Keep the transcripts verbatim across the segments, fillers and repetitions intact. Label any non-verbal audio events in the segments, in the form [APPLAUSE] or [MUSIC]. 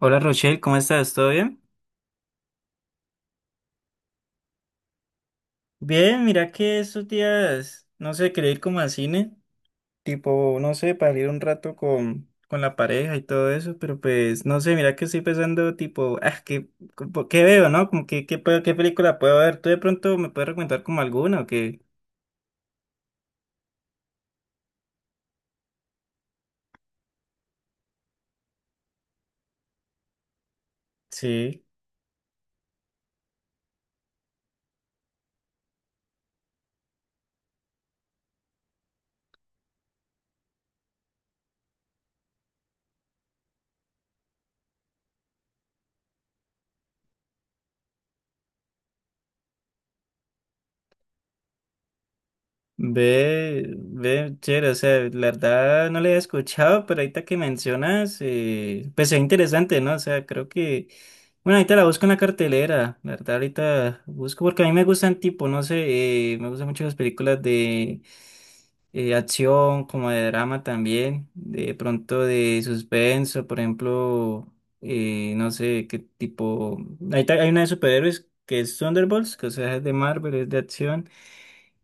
Hola Rochelle, ¿cómo estás? ¿Todo bien? Bien, mira que estos días, no sé, quería ir como al cine, tipo, no sé, para ir un rato con, con la pareja y todo eso, pero pues, no sé, mira que estoy pensando, tipo, ah, ¿qué, como- qué veo, no? Como que, qué, puedo- ¿qué película puedo ver? ¿Tú de pronto me puedes recomendar como alguna o qué? Sí. Ve, ve, chévere, o sea, la verdad no le había escuchado, pero ahorita que mencionas, eh, pues es interesante, ¿no? O sea, creo que, bueno, ahorita la busco en la cartelera, la verdad ahorita busco, porque a mí me gustan tipo, no sé, eh, me gustan mucho las películas de eh, acción, como de drama también, de pronto de suspenso, por ejemplo, eh, no sé, qué tipo, ahorita hay una de superhéroes que es Thunderbolts, que o sea, es de Marvel, es de acción.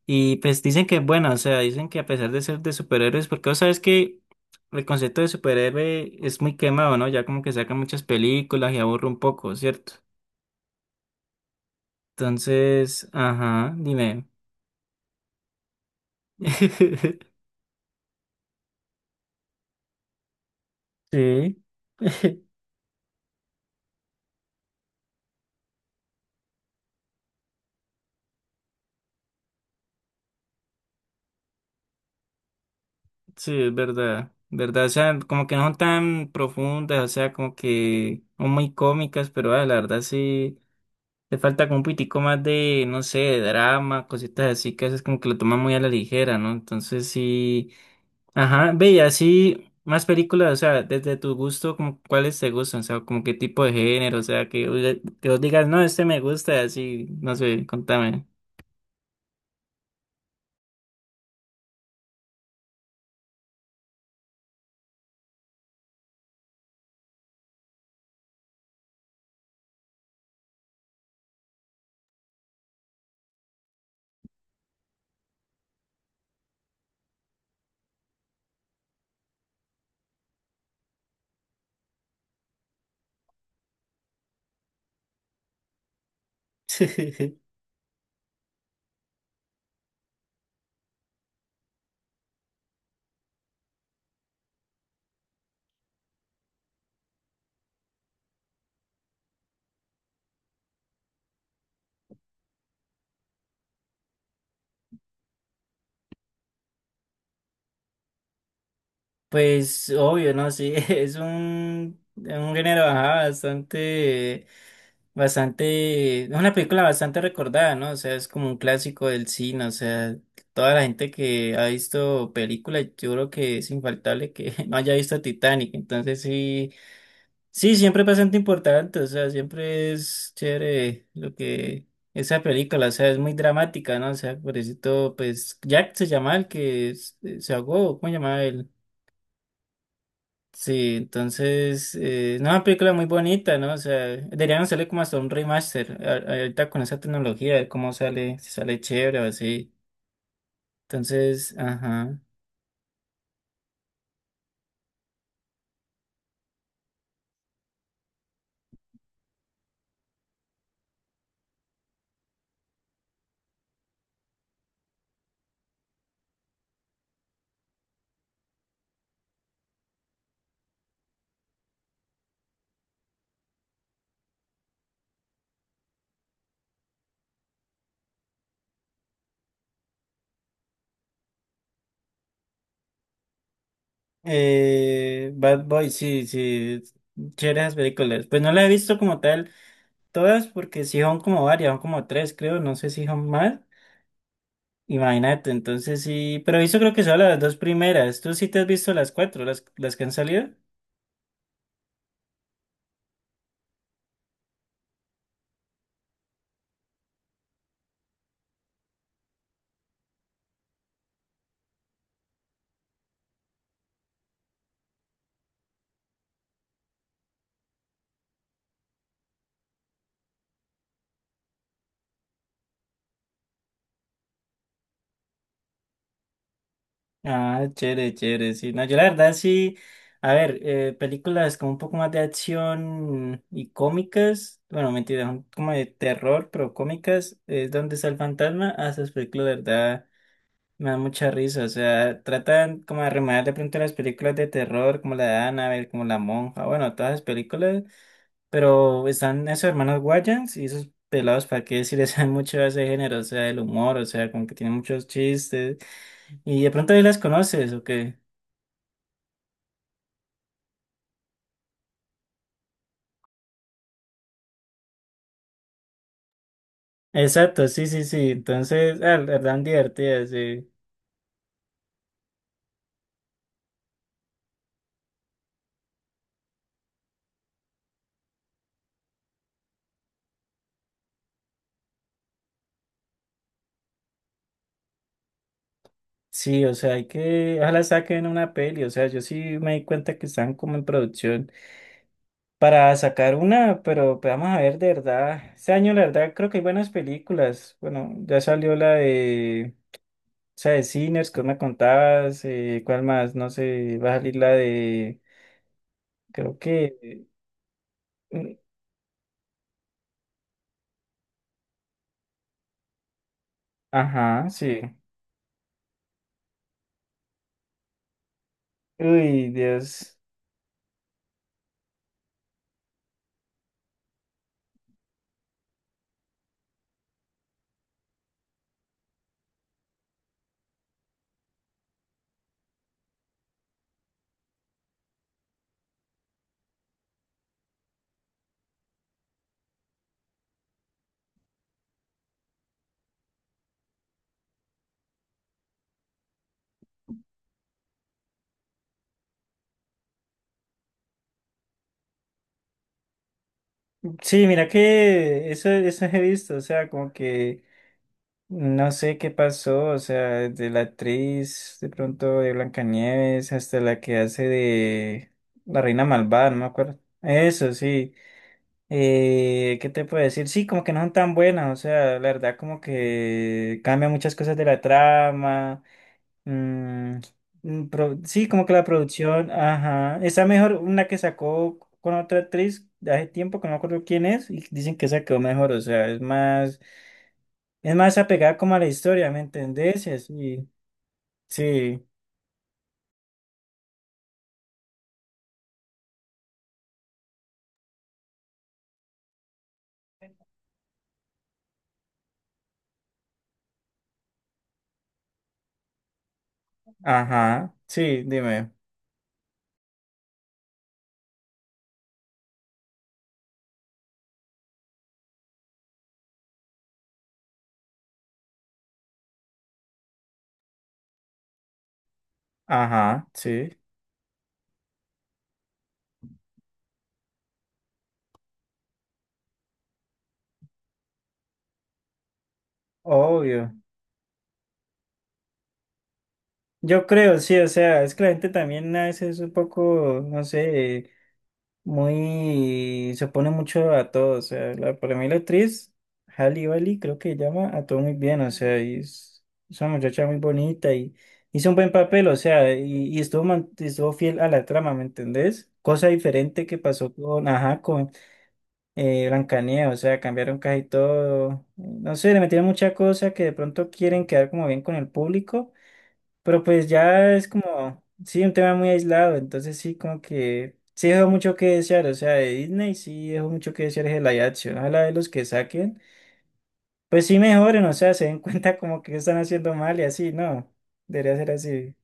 Y pues dicen que es buena, o sea, dicen que a pesar de ser de superhéroes, porque vos sabes que el concepto de superhéroe es muy quemado, ¿no? Ya como que sacan muchas películas y aburre un poco, ¿cierto? Entonces, ajá, dime. [LAUGHS] Sí. [LAUGHS] Sí, es verdad, verdad, o sea, como que no son tan profundas, o sea, como que son muy cómicas, pero ah, la verdad sí. Le falta como un pitico más de, no sé, de drama, cositas así que a veces como que lo toman muy a la ligera, ¿no? Entonces sí. Ajá, ve, y así más películas, o sea, desde tu gusto, como cuáles te gustan, o sea, como qué tipo de género, o sea, que, vos que vos digas, no, este me gusta, así, no sé, contame. [LAUGHS] Pues obvio, ¿no? Sí, [LAUGHS] es un, un género, ajá, bastante. Bastante, es una película bastante recordada, ¿no? O sea, es como un clásico del cine, o sea, toda la gente que ha visto películas, yo creo que es infaltable que [LAUGHS] no haya visto Titanic, entonces sí, sí, siempre es bastante importante, o sea, siempre es chévere lo que esa película, o sea, es muy dramática, ¿no? O sea, por eso, pues, Jack se llama el que es- eh, se ahogó, ¿cómo se llamaba él? Sí, entonces, eh, no, una película muy bonita, ¿no? O sea, deberían salir como hasta un remaster, a- ahorita con esa tecnología, a ver cómo sale, si sale chévere o así. Entonces, ajá. Eh, Bad Boy, sí, sí, chévere esas películas. Pues no la he visto como tal todas, porque sí son como varias, son como tres, creo, no sé si son más. Imagínate, entonces sí, pero he visto creo que son las dos primeras. ¿Tú sí te has visto las cuatro, las, las que han salido? Ah, chévere, chévere, sí. No, yo la verdad sí, a ver, eh, películas como un poco más de acción y cómicas, bueno, mentira, son como de terror, pero cómicas, es donde está el fantasma, a esas películas, la verdad, me da mucha risa, o sea, tratan como de rememorar de pronto las películas de terror, como la de Annabelle, como La Monja, bueno, todas las películas, pero están esos hermanos Wayans y esos pelados, ¿para qué decir? [LAUGHS] Saben mucho de ese género, o sea, del humor, o sea, como que tienen muchos chistes. Y de pronto ahí las conoces, ¿o qué? Exacto, sí, sí, sí. Entonces, ah, la verdad, divertidas, sí. Sí, o sea, hay que, ojalá saquen una peli, o sea, yo sí me di cuenta que están como en producción para sacar una, pero pues, vamos a ver, de verdad. Este año, la verdad, creo que hay buenas películas. Bueno, ya salió la de… O sea, de Sinners, ¿qué me contabas? Eh, ¿cuál más? No sé, va a salir la de… Creo que… mm, Ajá, sí. Uy, Dios. Sí, mira que eso, eso he visto, o sea, como que no sé qué pasó, o sea, de la actriz de pronto de Blancanieves hasta la que hace de la Reina Malvada, no me acuerdo. Eso, sí. Eh, ¿qué te puedo decir? Sí, como que no son tan buenas, o sea, la verdad como que cambia muchas cosas de la trama. Mm, mm, pro- sí, como que la producción, ajá. Está mejor una que sacó con otra actriz de hace tiempo, que no me acuerdo quién es, y dicen que esa quedó mejor, o sea, es más, es más apegada como a la historia, ¿me entendés? Y así, sí, ajá, sí, dime, ajá, sí, obvio. Yo creo, sí, o sea, es que la gente también a veces es un poco, no sé. Muy, se opone mucho a todo, o sea, la, para mí la actriz, Halle Bailey, creo que llama a todo muy bien, o sea, y es, es una muchacha muy bonita y hizo un buen papel, o sea, y, y estuvo, man- estuvo fiel a la trama, ¿me entendés? Cosa diferente que pasó con, ajá, con eh, Blancanieves, o sea, cambiaron casi todo, no sé, le metieron mucha cosa que de pronto quieren quedar como bien con el público pero pues ya es como, sí, un tema muy aislado, entonces sí, como que sí dejó mucho que desear, o sea, de Disney sí dejó mucho que desear el live action, ojalá de los que saquen, pues sí mejoren, o sea, se den [LAUGHS] cuenta como que están haciendo mal y así, no, debería ser así.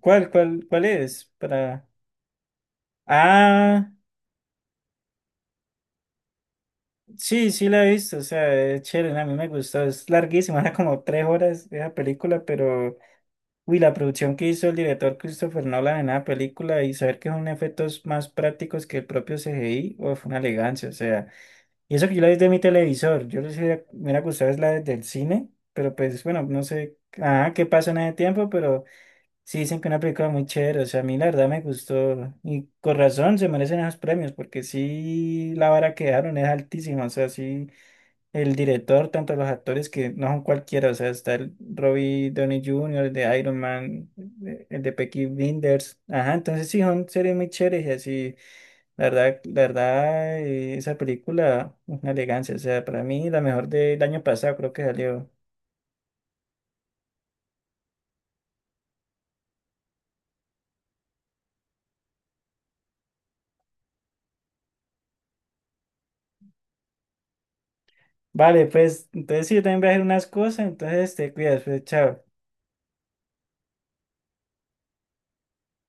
¿Cuál, cuál, cuál es? Para… Ah, sí, sí la he visto, o sea, es chévere, a mí me gustó, es larguísima, [LAUGHS] era como tres horas esa película, pero… Uy, la producción que hizo el director Christopher Nolan en la película y saber que son efectos más prácticos que el propio C G I, o fue una elegancia, o sea, y eso que yo la vi de mi televisor, yo no sé, me hubiera gustado es la de- del cine, pero pues bueno, no sé, ah, qué pasó en ese tiempo, pero sí dicen que es una película muy chévere, o sea, a mí la verdad me gustó, y con razón se merecen esos premios, porque sí, la vara que dejaron es altísima, o sea, sí el director, tanto los actores que no son cualquiera, o sea, está el Robbie Downey junior, el de Iron Man, eh, el de Peaky Blinders, ajá, entonces sí, son series muy chéveres y así, la verdad, la verdad, eh, esa película, una elegancia, o sea, para mí la mejor del año pasado creo que salió. Vale, pues, entonces sí, yo también voy a hacer unas cosas, entonces te cuidas, pues, chao.